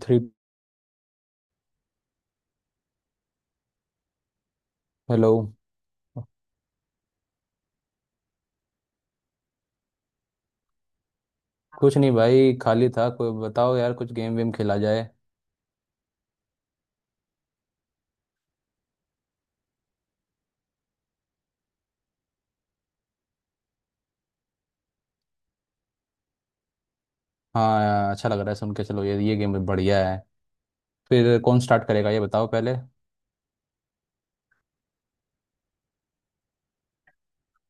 Three. Hello. कुछ नहीं भाई, खाली था। कोई बताओ यार, कुछ गेम वेम खेला जाए। हाँ, अच्छा लग रहा है सुन के। चलो ये गेम बढ़िया है। फिर कौन स्टार्ट करेगा ये बताओ पहले।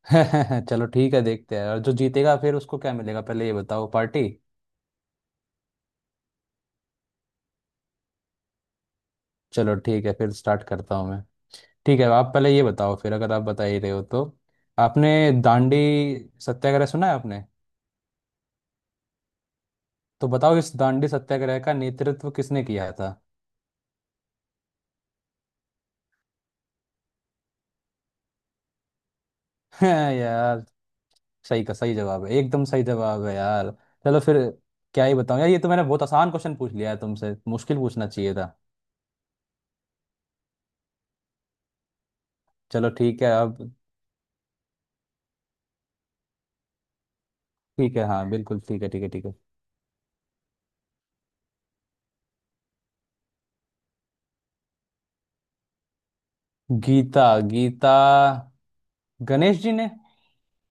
चलो ठीक है, देखते हैं। और जो जीतेगा फिर उसको क्या मिलेगा, पहले ये बताओ, पार्टी? चलो ठीक है, फिर स्टार्ट करता हूँ मैं। ठीक है, आप पहले ये बताओ, फिर अगर आप बता ही रहे हो तो। आपने दांडी सत्याग्रह सुना है आपने? तो बताओ, इस दांडी सत्याग्रह का नेतृत्व किसने किया था? यार, सही का सही जवाब है, एकदम सही जवाब है यार। चलो फिर। क्या ही बताऊं यार, ये तो मैंने बहुत आसान क्वेश्चन पूछ लिया है, तुमसे मुश्किल पूछना चाहिए था। चलो ठीक है अब। ठीक है, हाँ बिल्कुल, ठीक है ठीक है ठीक है। गीता, गीता, गणेश जी ने।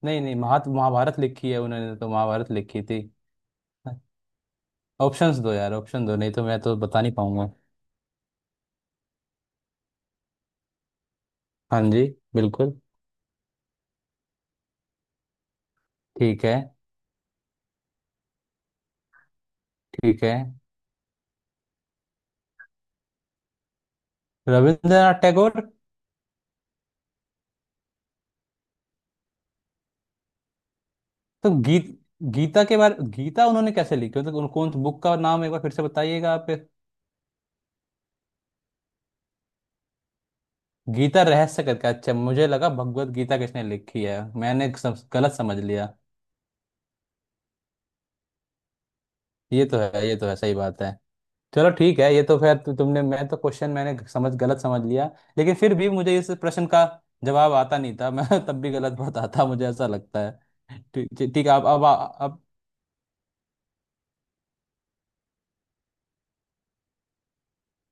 नहीं नहीं, महात महाभारत लिखी है उन्होंने, तो महाभारत लिखी थी। ऑप्शंस दो यार, ऑप्शन दो, नहीं तो मैं तो बता नहीं पाऊंगा। हाँ जी। बिल्कुल। ठीक है ठीक है। रविंद्रनाथ टैगोर। तो गीत गीता के बारे, गीता उन्होंने कैसे लिखी मतलब, कौन कौन बुक का नाम एक बार फिर से बताइएगा आप। गीता रहस्य करके, अच्छा। मुझे लगा भगवत गीता किसने लिखी है, मैंने सब गलत समझ लिया। ये तो है, ये तो है, सही बात है। चलो ठीक है, ये तो फिर तुमने, मैं तो क्वेश्चन मैंने समझ गलत समझ लिया। लेकिन फिर भी मुझे इस प्रश्न का जवाब आता नहीं था। मैं तब भी गलत बताता, मुझे ऐसा लगता है। ठीक ठीक, आप अब।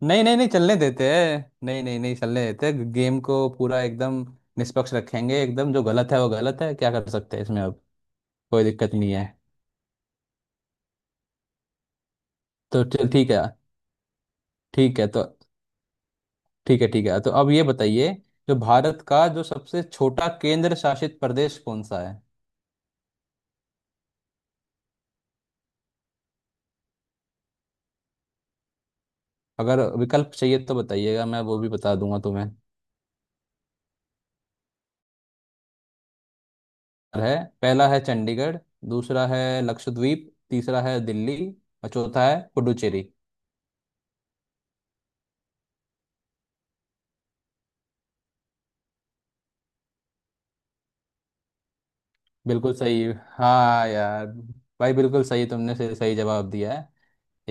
नहीं नहीं नहीं चलने देते हैं, नहीं नहीं नहीं चलने देते हैं। गेम को पूरा एकदम निष्पक्ष रखेंगे, एकदम। जो गलत है वो गलत है, क्या कर सकते हैं इसमें अब। कोई दिक्कत नहीं है। तो चल ठीक है। ठीक है तो। ठीक है ठीक है, तो अब ये बताइए, जो भारत का जो सबसे छोटा केंद्र शासित प्रदेश कौन सा है? अगर विकल्प चाहिए तो बताइएगा, मैं वो भी बता दूंगा तुम्हें। है। पहला है चंडीगढ़, दूसरा है लक्षद्वीप, तीसरा है दिल्ली, और चौथा है पुडुचेरी। बिल्कुल सही, हाँ यार। भाई बिल्कुल सही, तुमने से सही जवाब दिया है।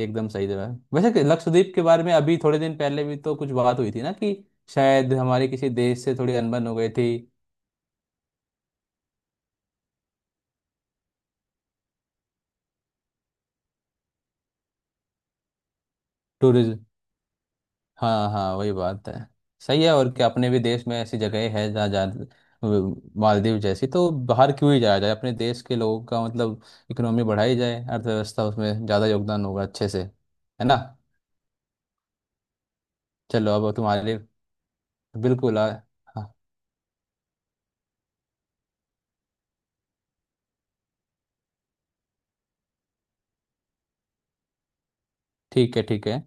एकदम सही जवाब। वैसे कि लक्षद्वीप के बारे में अभी थोड़े दिन पहले भी तो कुछ बात हुई थी ना, कि शायद हमारे किसी देश से थोड़ी अनबन हो गई थी। टूरिज्म। हाँ हाँ, वही बात है। सही है। और क्या अपने भी देश में ऐसी जगह है जहाँ जा, मालदीव जैसी? तो बाहर क्यों ही जाया जाए, अपने देश के लोगों का मतलब इकोनॉमी बढ़ाई जाए, अर्थव्यवस्था उसमें ज़्यादा योगदान होगा अच्छे से, है ना। चलो, अब तुम्हारे लिए। बिल्कुल आ- हाँ। ठीक है ठीक है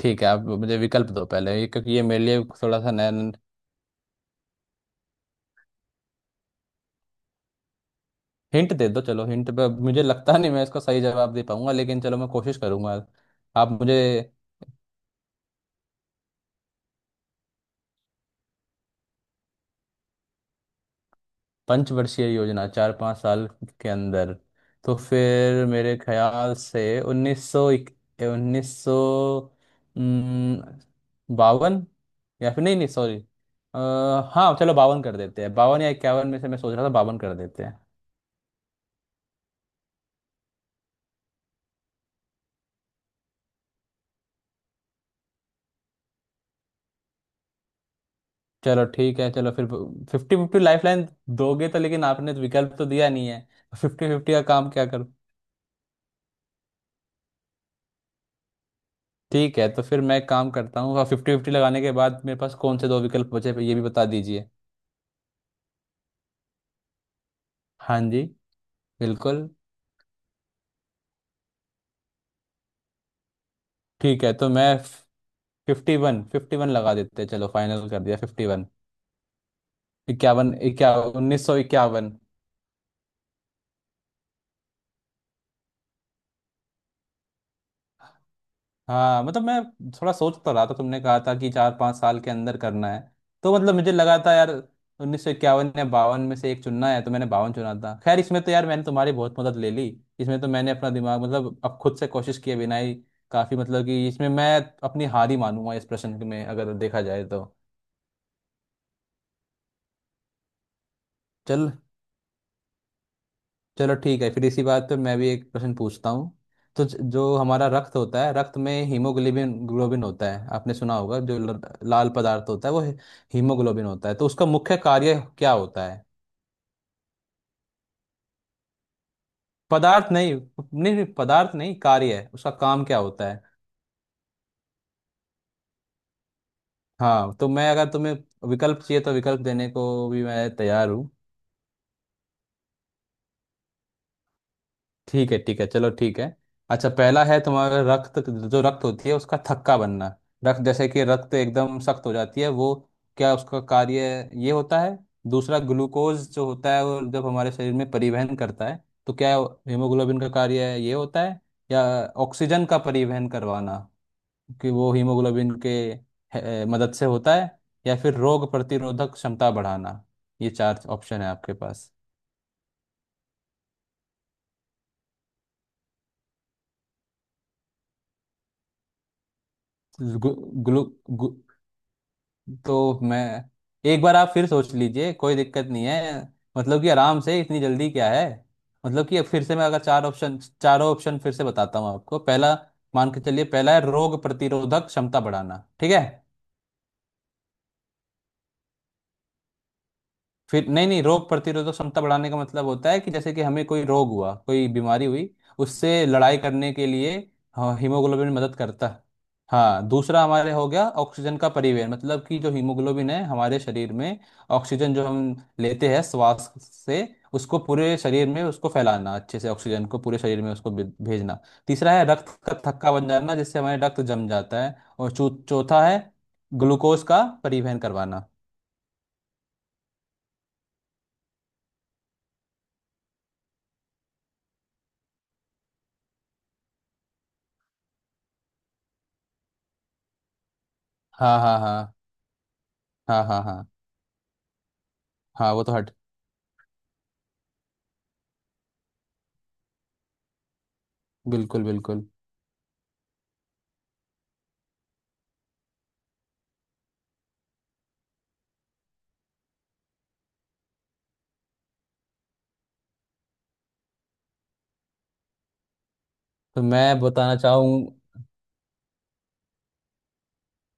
ठीक है। आप मुझे विकल्प दो पहले ये, क्योंकि ये मेरे लिए थोड़ा सा नया। हिंट दे दो, चलो हिंट पे। मुझे लगता नहीं मैं इसका सही जवाब दे पाऊंगा, लेकिन चलो मैं कोशिश करूंगा। आप मुझे, पंचवर्षीय योजना, 4-5 साल के अंदर। तो फिर मेरे ख्याल से 1952, या फिर नहीं नहीं सॉरी। हाँ चलो बावन कर देते हैं, बावन या इक्यावन में से, मैं सोच रहा था, बावन कर देते हैं। चलो ठीक है, चलो फिर। फिफ्टी फिफ्टी लाइफ लाइन दोगे तो, लेकिन आपने तो विकल्प तो दिया नहीं है। फिफ्टी फिफ्टी का काम क्या करूं? ठीक है, तो फिर मैं एक काम करता हूँ, और फिफ्टी फिफ्टी लगाने के बाद मेरे पास कौन से दो विकल्प बचे, ये भी बता दीजिए। हाँ जी। बिल्कुल। ठीक है, तो मैं 51 लगा देते हैं, चलो फाइनल कर दिया, 51। इक्यावन इक्या 1951। हाँ मतलब मैं थोड़ा सोच तो रहा था, तुमने कहा था कि 4-5 साल के अंदर करना है। तो मतलब मुझे लगा था यार 1951 या बावन में से एक चुनना है, तो मैंने बावन चुना था। खैर इसमें तो यार, मैंने तुम्हारी बहुत मदद ले ली। इसमें तो मैंने अपना दिमाग मतलब, अब खुद से कोशिश किए बिना ही काफ़ी मतलब, कि इसमें मैं अपनी हार ही मानूंगा इस प्रश्न में, अगर देखा जाए तो। चल, चलो ठीक है। फिर इसी बात पे मैं भी एक प्रश्न पूछता हूँ। तो जो हमारा रक्त होता है, रक्त में हीमोग्लोबिन ग्लोबिन होता है, आपने सुना होगा। जो लाल पदार्थ होता है वो हीमोग्लोबिन होता है, तो उसका मुख्य कार्य क्या होता है? पदार्थ नहीं, कार्य है, उसका काम क्या होता है? हाँ तो मैं, अगर तुम्हें विकल्प चाहिए तो विकल्प देने को भी मैं तैयार हूँ। ठीक है ठीक है, चलो ठीक है। अच्छा, पहला है तुम्हारा रक्त, जो रक्त होती है उसका थक्का बनना, रक्त जैसे कि रक्त एकदम सख्त हो जाती है वो, क्या उसका कार्य ये होता है? दूसरा, ग्लूकोज जो होता है वो जब हमारे शरीर में परिवहन करता है, तो क्या हीमोग्लोबिन का कार्य ये होता है? या ऑक्सीजन का परिवहन करवाना, कि वो हीमोग्लोबिन के मदद से होता है? या फिर रोग प्रतिरोधक क्षमता बढ़ाना? ये चार ऑप्शन है आपके पास। ग्लू, ग्लू, तो मैं, एक बार आप फिर सोच लीजिए, कोई दिक्कत नहीं है। मतलब कि आराम से, इतनी जल्दी क्या है। मतलब कि अब फिर से मैं अगर चार ऑप्शन, चारों ऑप्शन फिर से बताता हूँ आपको। पहला मान के चलिए, पहला है रोग प्रतिरोधक क्षमता बढ़ाना, ठीक है? फिर नहीं नहीं, रोग प्रतिरोधक क्षमता बढ़ाने का मतलब होता है कि जैसे कि हमें कोई रोग हुआ, कोई बीमारी हुई, उससे लड़ाई करने के लिए हाँ, हीमोग्लोबिन मदद करता है। हाँ, दूसरा हमारे हो गया ऑक्सीजन का परिवहन, मतलब कि जो हीमोग्लोबिन है हमारे शरीर में, ऑक्सीजन जो हम लेते हैं श्वास से उसको पूरे शरीर में उसको फैलाना अच्छे से, ऑक्सीजन को पूरे शरीर में उसको भेजना। तीसरा है रक्त का थक्का बन जाना, जिससे हमारे रक्त जम जाता है, और चौथा है ग्लूकोज का परिवहन करवाना। हाँ हाँ हाँ। हाँ हाँ हाँ। हाँ वो तो हट। बिल्कुल बिल्कुल। तो मैं बताना चाहूँ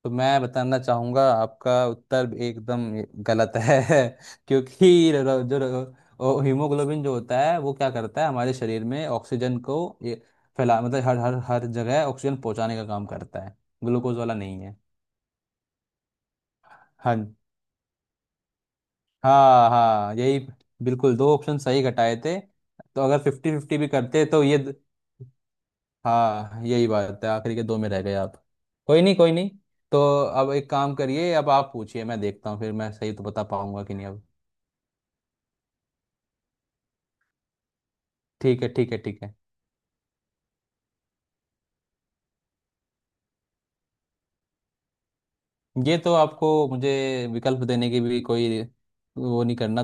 तो मैं बताना चाहूंगा, आपका उत्तर एकदम गलत है। क्योंकि हीमोग्लोबिन जो होता है वो क्या करता है, हमारे शरीर में ऑक्सीजन को ये फैला मतलब हर हर हर जगह ऑक्सीजन पहुंचाने का काम करता है। ग्लूकोज वाला नहीं है। हाँ हाँ हाँ, यही। बिल्कुल, दो ऑप्शन सही घटाए थे, तो अगर फिफ्टी फिफ्टी भी करते तो ये। हाँ यही बात है, आखिरी के दो में रह गए आप। कोई नहीं, कोई नहीं। तो अब एक काम करिए, अब आप पूछिए, मैं देखता हूँ फिर मैं सही तो बता पाऊंगा कि नहीं अब। ठीक है ठीक है ठीक है। ये तो आपको मुझे विकल्प देने की भी कोई, वो नहीं करना,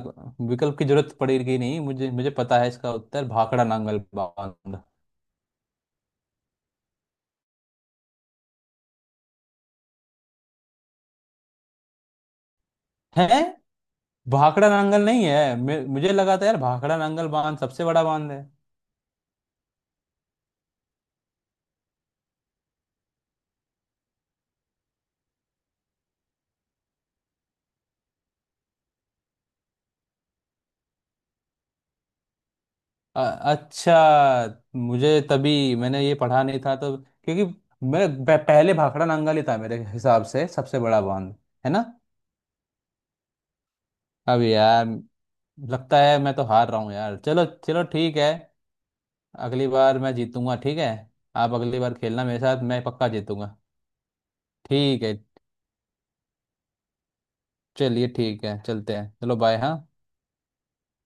विकल्प की जरूरत पड़ेगी नहीं मुझे, मुझे पता है इसका उत्तर, भाखड़ा नांगल बांध। है? भाखड़ा नांगल नहीं है? मुझे लगा था यार, भाखड़ा नांगल बांध सबसे बड़ा बांध है। अ- अच्छा। मुझे तभी, मैंने ये पढ़ा नहीं था तो, क्योंकि मैं पहले भाखड़ा नांगल ही था मेरे हिसाब से सबसे बड़ा बांध, है ना? अब यार, लगता है मैं तो हार रहा हूँ यार। चलो चलो ठीक है। अगली बार मैं जीतूंगा, ठीक है? आप अगली बार खेलना मेरे साथ, मैं पक्का जीतूंगा। ठीक है। चलिए ठीक है, चलते हैं, चलो बाय, हाँ।